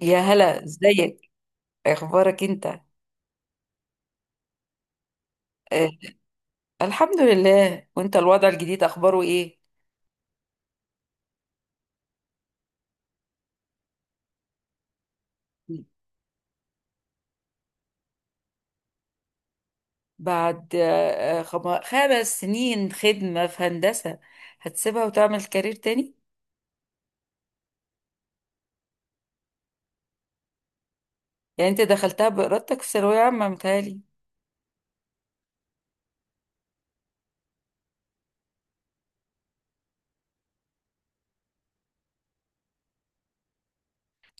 يا هلا، ازيك؟ اخبارك انت؟ آه، الحمد لله. وانت الوضع الجديد اخباره ايه؟ بعد خمس سنين خدمة في هندسة هتسيبها وتعمل كارير تاني؟ يعني انت دخلتها بإرادتك في ثانوية عامة، متهيألي.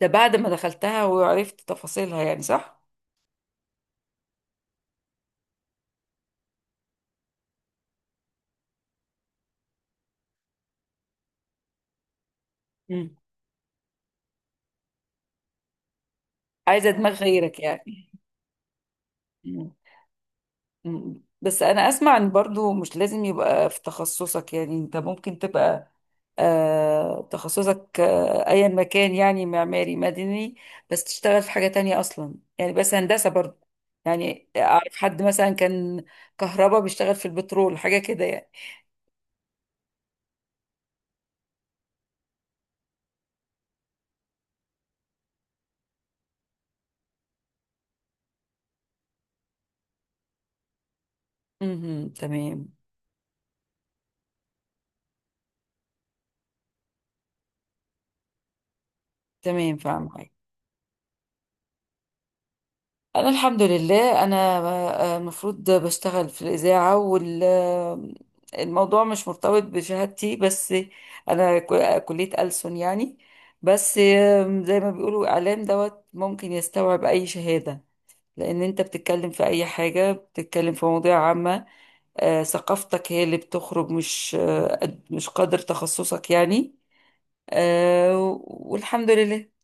ده بعد ما دخلتها وعرفت تفاصيلها يعني، صح؟ مم. عايزة دماغ غيرك يعني. مم. بس انا اسمع ان برضو مش لازم يبقى في تخصصك، يعني انت ممكن تبقى تخصصك ايا مكان، يعني معماري، مدني، بس تشتغل في حاجة تانية اصلا، يعني بس هندسة برضو. يعني اعرف حد مثلا كان كهرباء بيشتغل في البترول، حاجة كده يعني. مهم، تمام. تمام، فاهمة. انا الحمد لله، انا المفروض بشتغل في الاذاعه، والموضوع مش مرتبط بشهادتي. بس انا كليه ألسن يعني. بس زي ما بيقولوا اعلام دوت ممكن يستوعب اي شهاده، لان انت بتتكلم في اي حاجه، بتتكلم في مواضيع عامه. ثقافتك هي اللي بتخرج، مش مش قدر تخصصك يعني. آه، والحمد لله.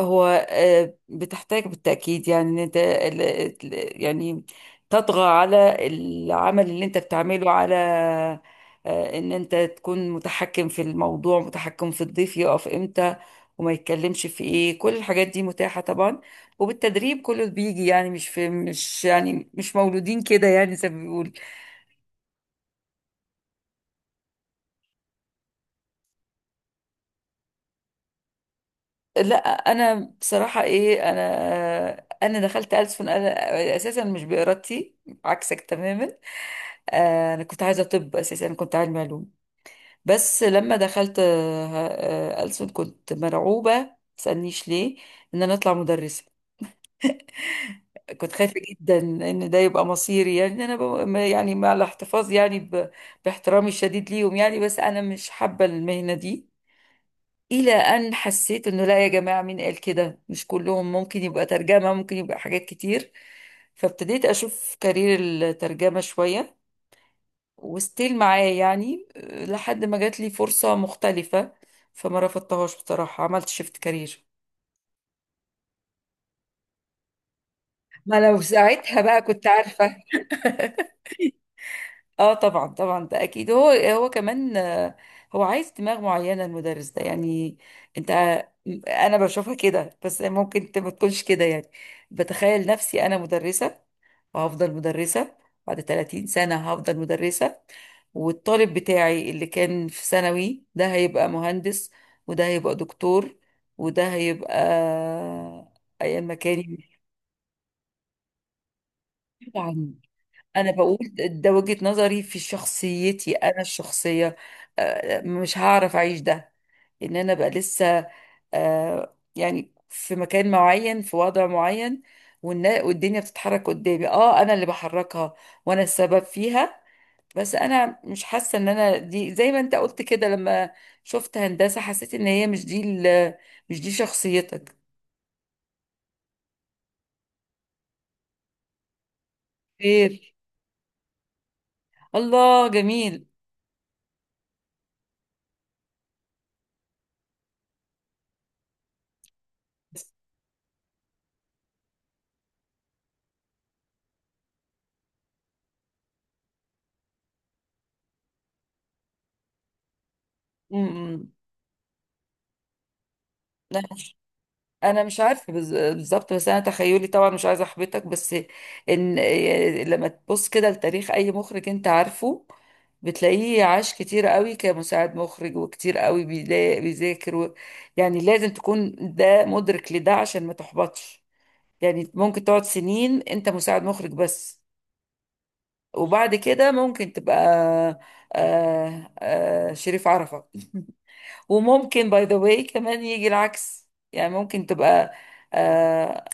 هو بتحتاج بالتأكيد، يعني ان انت يعني تطغى على العمل اللي انت بتعمله، على ان انت تكون متحكم في الموضوع، متحكم في الضيف يقف امتى وما يتكلمش في ايه. كل الحاجات دي متاحة طبعا، وبالتدريب كله بيجي يعني، مش مولودين كده، يعني زي ما بيقول. لا، انا بصراحة ايه، انا دخلت ألسن انا اساسا مش بإرادتي، عكسك تماما. انا كنت عايزه طب اساسا. انا كنت علمي علوم، بس لما دخلت ألسن كنت مرعوبه، ما تسالنيش ليه. ان انا اطلع مدرسه، كنت خايفه جدا ان ده يبقى مصيري. يعني إن انا ب... ما- يعني مع الاحتفاظ، يعني باحترامي الشديد ليهم يعني، بس انا مش حابه المهنه دي. الى ان حسيت انه لا، يا جماعه، مين قال كده؟ مش كلهم ممكن يبقى ترجمه، ممكن يبقى حاجات كتير. فابتديت اشوف كارير الترجمه شويه وستيل معاه يعني، لحد ما جات لي فرصة مختلفة، فما رفضتهاش بصراحة، عملت شيفت كارير. ما لو ساعتها بقى كنت عارفة. اه، طبعا طبعا، ده اكيد. هو كمان هو عايز دماغ معينة المدرس ده يعني، انت. انا بشوفها كده، بس ممكن انت ما تكونش كده يعني. بتخيل نفسي انا مدرسة، وهفضل مدرسة. بعد 30 سنة هفضل مدرسة، والطالب بتاعي اللي كان في ثانوي ده هيبقى مهندس، وده هيبقى دكتور، وده هيبقى أيا ما كان، مسؤول عني. أنا بقول ده وجهة نظري في شخصيتي أنا الشخصية. مش هعرف أعيش ده، إن أنا بقى لسه يعني في مكان معين، في وضع معين، والدنيا بتتحرك قدامي. اه، انا اللي بحركها وانا السبب فيها. بس انا مش حاسه ان انا دي، زي ما انت قلت كده، لما شفت هندسه حسيت ان هي مش دي مش دي شخصيتك. غير، الله جميل. امم انا مش أنا مش عارفه بالظبط، بس انا تخيلي، طبعا مش عايزه احبطك، بس ان لما تبص كده لتاريخ اي مخرج انت عارفه بتلاقيه عاش كتير قوي كمساعد مخرج، وكتير قوي بيذاكر يعني لازم تكون ده مدرك لده عشان ما تحبطش. يعني ممكن تقعد سنين انت مساعد مخرج بس، وبعد كده ممكن تبقى شريف عرفة. وممكن باي ذا واي كمان يجي العكس، يعني ممكن تبقى آه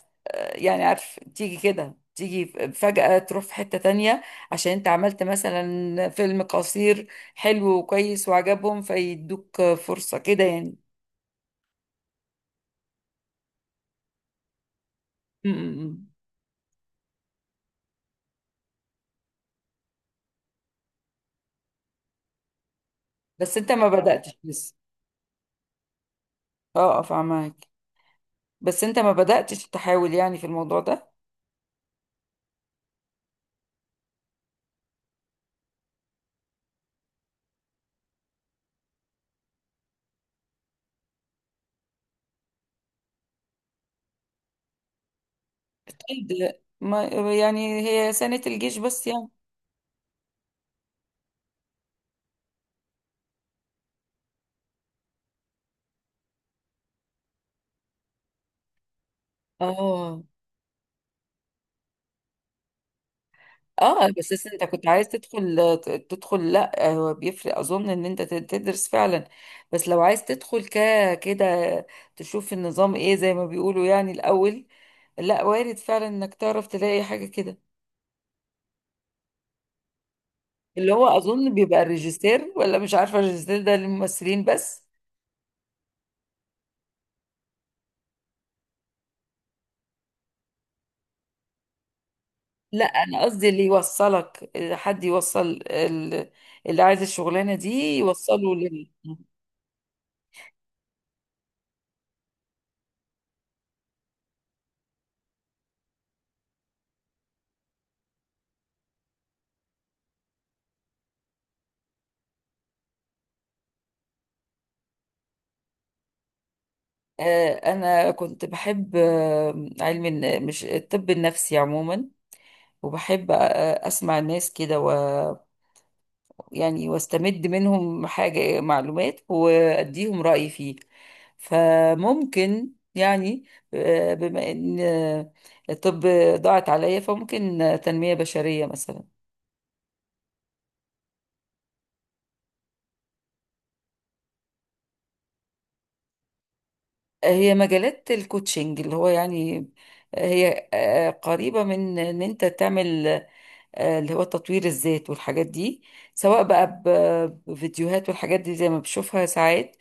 يعني، عارف، تيجي كده تيجي، فجأة تروح في حتة تانية عشان انت عملت مثلا فيلم قصير حلو وكويس وعجبهم، فيدوك فرصة كده يعني. م- م- م. بس انت ما بدأتش لسه. اه اه، فاهمك. بس انت ما بدأتش تحاول يعني في الموضوع ده. أكيد. ما يعني هي سنة الجيش بس يعني. اه اه، بس أصل انت كنت عايز تدخل. تدخل، لا هو بيفرق، اظن ان انت تدرس فعلا، بس لو عايز تدخل كده، تشوف النظام ايه، زي ما بيقولوا يعني الاول. لا، وارد فعلا انك تعرف تلاقي حاجة كده، اللي هو اظن بيبقى الريجستير، ولا مش عارفة الريجستير ده للممثلين بس. لا، انا قصدي اللي يوصلك. حد يوصل ال- اللي عايز الشغلانة دي، يوصله لل آه، انا كنت بحب علم مش الطب النفسي عموما. وبحب اسمع الناس كده، و يعني واستمد منهم حاجة، معلومات، واديهم رأيي فيه. فممكن يعني بما ان الطب ضاعت عليا، فممكن تنمية بشرية مثلا. هي مجالات الكوتشنج اللي هو، يعني هي قريبة من ان انت تعمل اللي هو تطوير الذات والحاجات دي، سواء بقى بفيديوهات والحاجات دي زي ما بشوفها ساعات،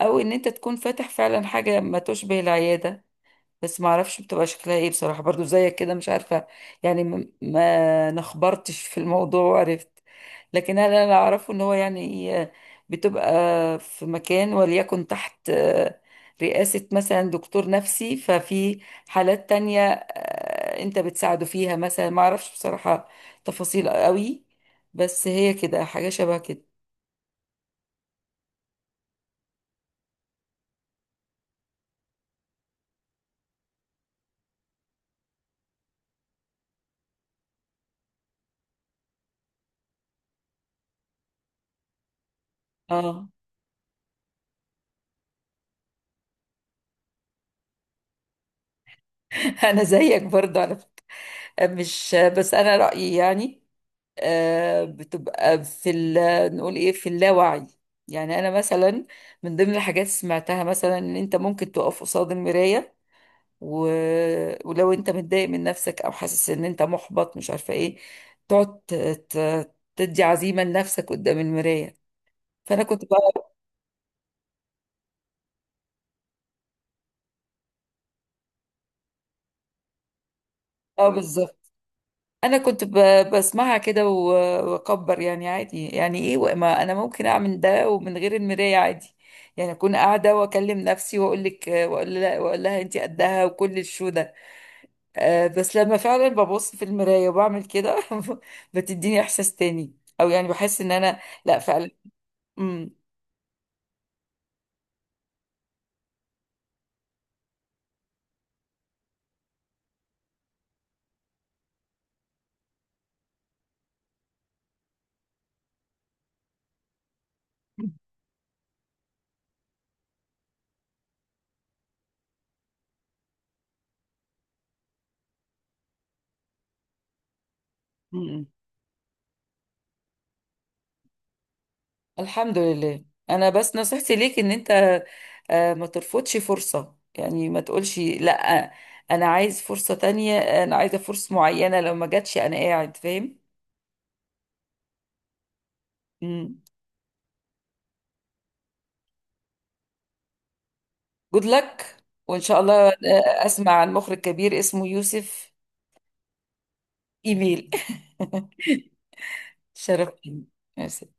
او ان انت تكون فاتح فعلا حاجة ما تشبه العيادة. بس ما اعرفش بتبقى شكلها ايه بصراحة، برضو زيك كده مش عارفة. يعني ما نخبرتش في الموضوع وعرفت. لكن انا اللي اعرفه ان هو، يعني بتبقى في مكان، وليكن تحت رئاسة مثلا دكتور نفسي، ففي حالات تانية انت بتساعده فيها مثلا. ما اعرفش بصراحة تفاصيل قوي، بس هي كده حاجة شبه كده. اه. انا زيك برضو على فكرة. مش بس انا رأيي يعني. بتبقى في نقول ايه، في اللاوعي. يعني انا مثلا من ضمن الحاجات سمعتها مثلا ان انت ممكن تقف قصاد المراية، و... ولو انت متضايق من نفسك او حاسس ان انت محبط، مش عارفة ايه، تقعد تدي عزيمة لنفسك قدام المراية. فانا كنت بقى، اه بالظبط، انا كنت بسمعها كده واكبر يعني عادي، يعني ايه ما انا ممكن اعمل ده ومن غير المرايه عادي. يعني اكون قاعده واكلم نفسي واقول لك واقول لها واقول لها انت قدها، وكل الشو ده. بس لما فعلا ببص في المرايه وبعمل كده بتديني احساس تاني، او يعني بحس ان انا، لا فعلا. امم امم، امم. الحمد لله. انا بس نصيحتي ليك ان انت ما ترفضش فرصة، يعني ما تقولش لا انا عايز فرصة تانية، انا عايزة فرصة معينة، لو ما جاتش انا قاعد. فاهم؟ جود لك. وان شاء الله اسمع عن مخرج كبير اسمه يوسف. ايميل. شرفتني.